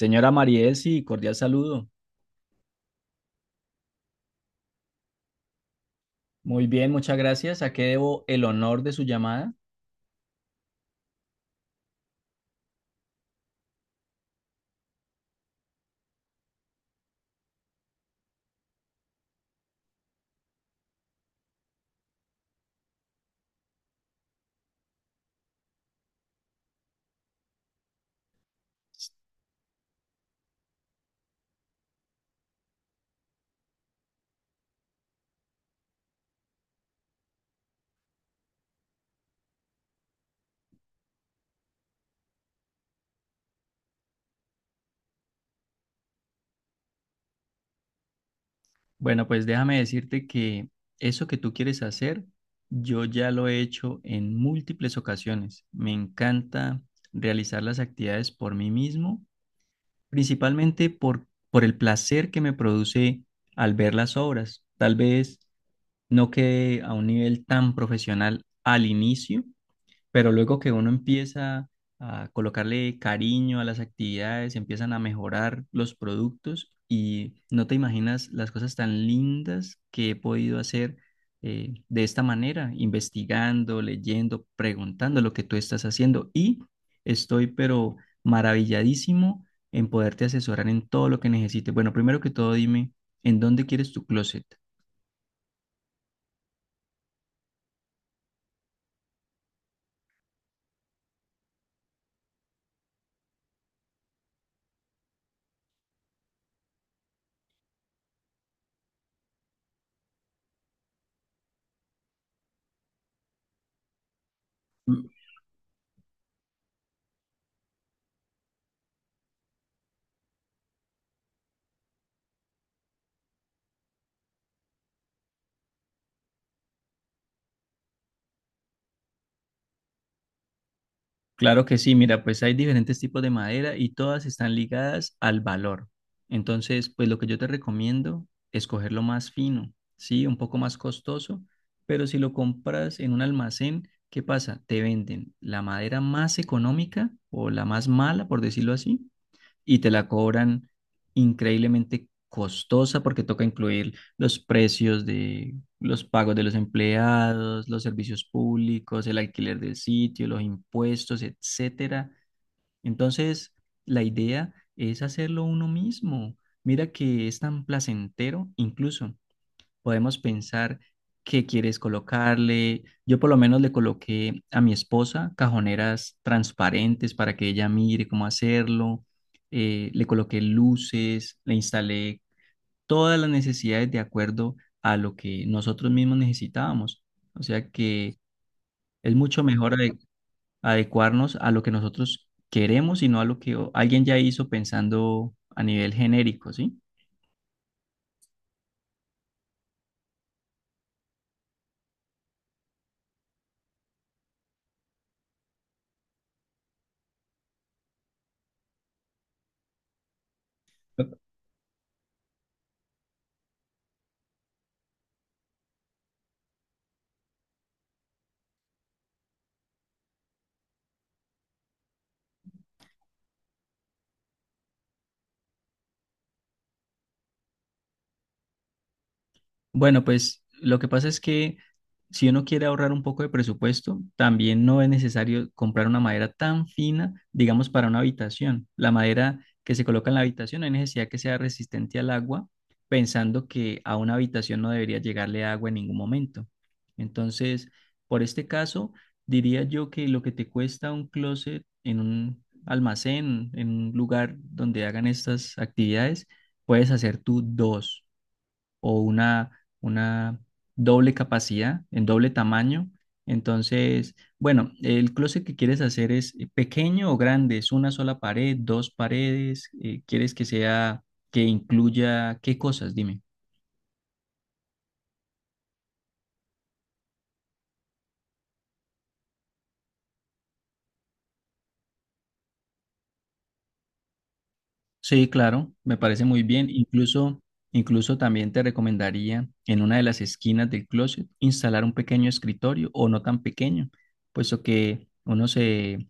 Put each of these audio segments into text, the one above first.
Señora Mariesi, cordial saludo. Muy bien, muchas gracias. ¿A qué debo el honor de su llamada? Bueno, pues déjame decirte que eso que tú quieres hacer, yo ya lo he hecho en múltiples ocasiones. Me encanta realizar las actividades por mí mismo, principalmente por el placer que me produce al ver las obras. Tal vez no quede a un nivel tan profesional al inicio, pero luego que uno empieza a colocarle cariño a las actividades, empiezan a mejorar los productos y no te imaginas las cosas tan lindas que he podido hacer de esta manera, investigando, leyendo, preguntando lo que tú estás haciendo y estoy pero maravilladísimo en poderte asesorar en todo lo que necesites. Bueno, primero que todo, dime, ¿en dónde quieres tu closet? Claro que sí, mira, pues hay diferentes tipos de madera y todas están ligadas al valor. Entonces, pues lo que yo te recomiendo es coger lo más fino, sí, un poco más costoso, pero si lo compras en un almacén, ¿qué pasa? Te venden la madera más económica o la más mala, por decirlo así, y te la cobran increíblemente costosa porque toca incluir los precios de los pagos de los empleados, los servicios públicos, el alquiler del sitio, los impuestos, etcétera. Entonces, la idea es hacerlo uno mismo. Mira que es tan placentero, incluso podemos pensar qué quieres colocarle. Yo por lo menos le coloqué a mi esposa cajoneras transparentes para que ella mire cómo hacerlo. Le coloqué luces, le instalé todas las necesidades de acuerdo a lo que nosotros mismos necesitábamos. O sea que es mucho mejor adecuarnos a lo que nosotros queremos y no a lo que alguien ya hizo pensando a nivel genérico, ¿sí? Bueno, pues lo que pasa es que si uno quiere ahorrar un poco de presupuesto, también no es necesario comprar una madera tan fina, digamos, para una habitación. La madera que se coloca en la habitación, no hay necesidad que sea resistente al agua, pensando que a una habitación no debería llegarle agua en ningún momento. Entonces, por este caso, diría yo que lo que te cuesta un closet en un almacén, en un lugar donde hagan estas actividades, puedes hacer tú dos o una una doble capacidad, en doble tamaño. Entonces, bueno, el closet que quieres hacer es pequeño o grande, es una sola pared, dos paredes, quieres que sea, que incluya, ¿qué cosas? Dime. Sí, claro, me parece muy bien. Incluso también te recomendaría en una de las esquinas del closet instalar un pequeño escritorio o no tan pequeño, puesto que uno se, o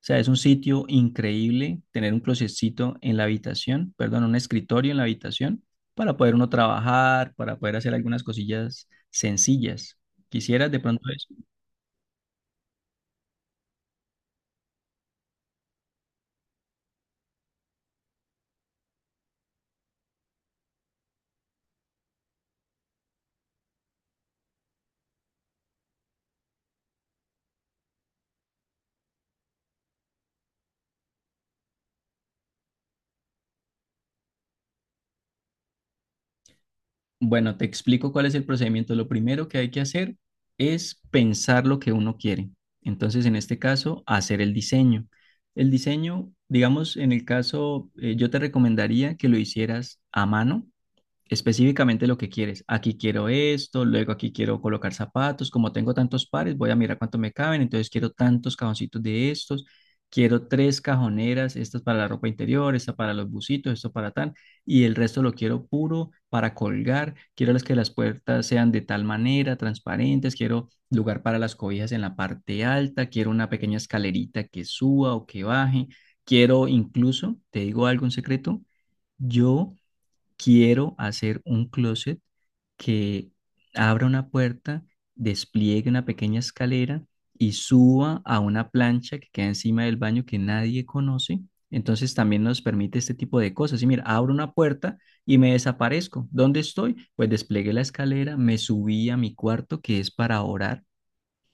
sea, es un sitio increíble tener un closetcito en la habitación, perdón, un escritorio en la habitación para poder uno trabajar, para poder hacer algunas cosillas sencillas. ¿Quisieras de pronto eso? Bueno, te explico cuál es el procedimiento. Lo primero que hay que hacer es pensar lo que uno quiere. Entonces, en este caso, hacer el diseño. El diseño, digamos, en el caso, yo te recomendaría que lo hicieras a mano específicamente lo que quieres. Aquí quiero esto, luego aquí quiero colocar zapatos. Como tengo tantos pares, voy a mirar cuánto me caben. Entonces quiero tantos cajoncitos de estos. Quiero tres cajoneras, estas para la ropa interior, esta para los bucitos, esto para tal, y el resto lo quiero puro para colgar. Quiero las que las puertas sean de tal manera, transparentes. Quiero lugar para las cobijas en la parte alta. Quiero una pequeña escalerita que suba o que baje. Quiero incluso, te digo algo, un secreto, yo quiero hacer un closet que abra una puerta, despliegue una pequeña escalera y suba a una plancha que queda encima del baño que nadie conoce. Entonces también nos permite este tipo de cosas. Y mira, abro una puerta y me desaparezco. ¿Dónde estoy? Pues desplegué la escalera, me subí a mi cuarto que es para orar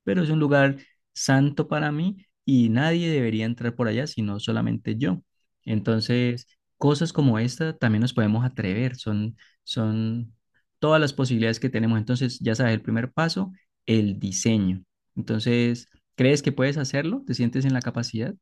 pero es un lugar santo para mí y nadie debería entrar por allá, sino solamente yo. Entonces, cosas como esta también nos podemos atrever, son todas las posibilidades que tenemos. Entonces, ya sabes, el primer paso, el diseño. Entonces, ¿crees que puedes hacerlo? ¿Te sientes en la capacidad?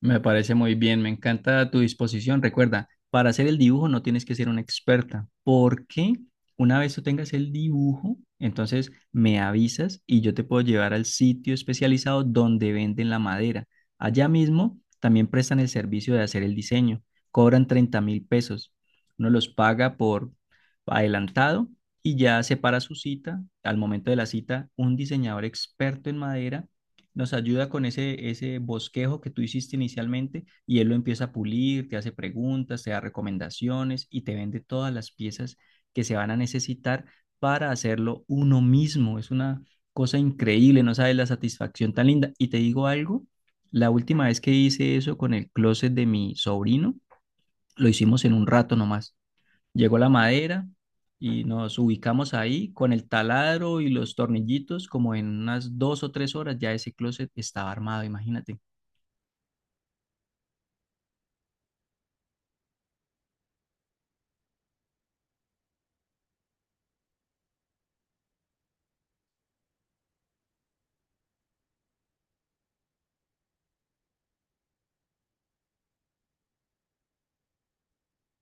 Me parece muy bien, me encanta tu disposición. Recuerda, para hacer el dibujo no tienes que ser una experta, porque una vez tú tengas el dibujo, entonces me avisas y yo te puedo llevar al sitio especializado donde venden la madera. Allá mismo también prestan el servicio de hacer el diseño. Cobran $30.000. Uno los paga por adelantado y ya separa su cita. Al momento de la cita, un diseñador experto en madera nos ayuda con ese bosquejo que tú hiciste inicialmente y él lo empieza a pulir, te hace preguntas, te da recomendaciones y te vende todas las piezas que se van a necesitar para hacerlo uno mismo. Es una cosa increíble, no sabes la satisfacción tan linda. Y te digo algo, la última vez que hice eso con el closet de mi sobrino, lo hicimos en un rato nomás. Llegó la madera y nos ubicamos ahí con el taladro y los tornillitos, como en unas 2 o 3 horas ya ese closet estaba armado, imagínate.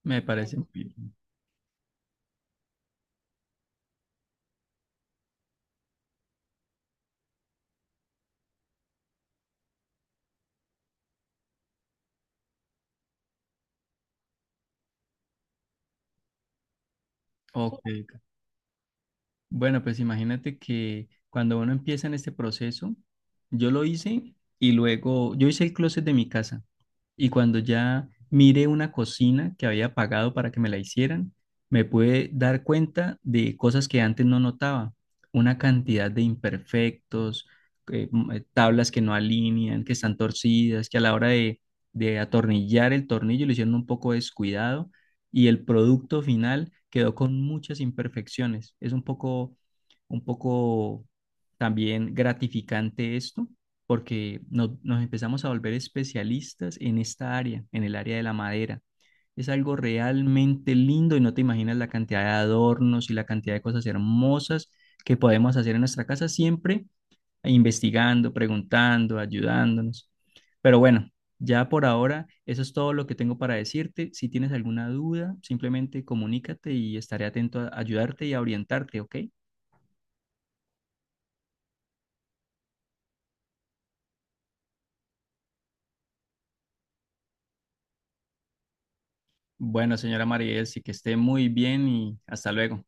Me parece muy bien. Ok. Bueno, pues imagínate que cuando uno empieza en este proceso, yo lo hice y luego, yo hice el closet de mi casa. Y cuando ya miré una cocina que había pagado para que me la hicieran, me pude dar cuenta de cosas que antes no notaba. Una cantidad de imperfectos, tablas que no alinean, que están torcidas, que a la hora de atornillar el tornillo lo hicieron un poco descuidado y el producto final quedó con muchas imperfecciones. Es un poco también gratificante esto porque nos empezamos a volver especialistas en esta área, en el área de la madera. Es algo realmente lindo y no te imaginas la cantidad de adornos y la cantidad de cosas hermosas que podemos hacer en nuestra casa siempre investigando, preguntando, ayudándonos. Pero bueno, ya por ahora, eso es todo lo que tengo para decirte. Si tienes alguna duda, simplemente comunícate y estaré atento a ayudarte y a orientarte, ¿ok? Bueno, señora Maribel, sí que esté muy bien y hasta luego.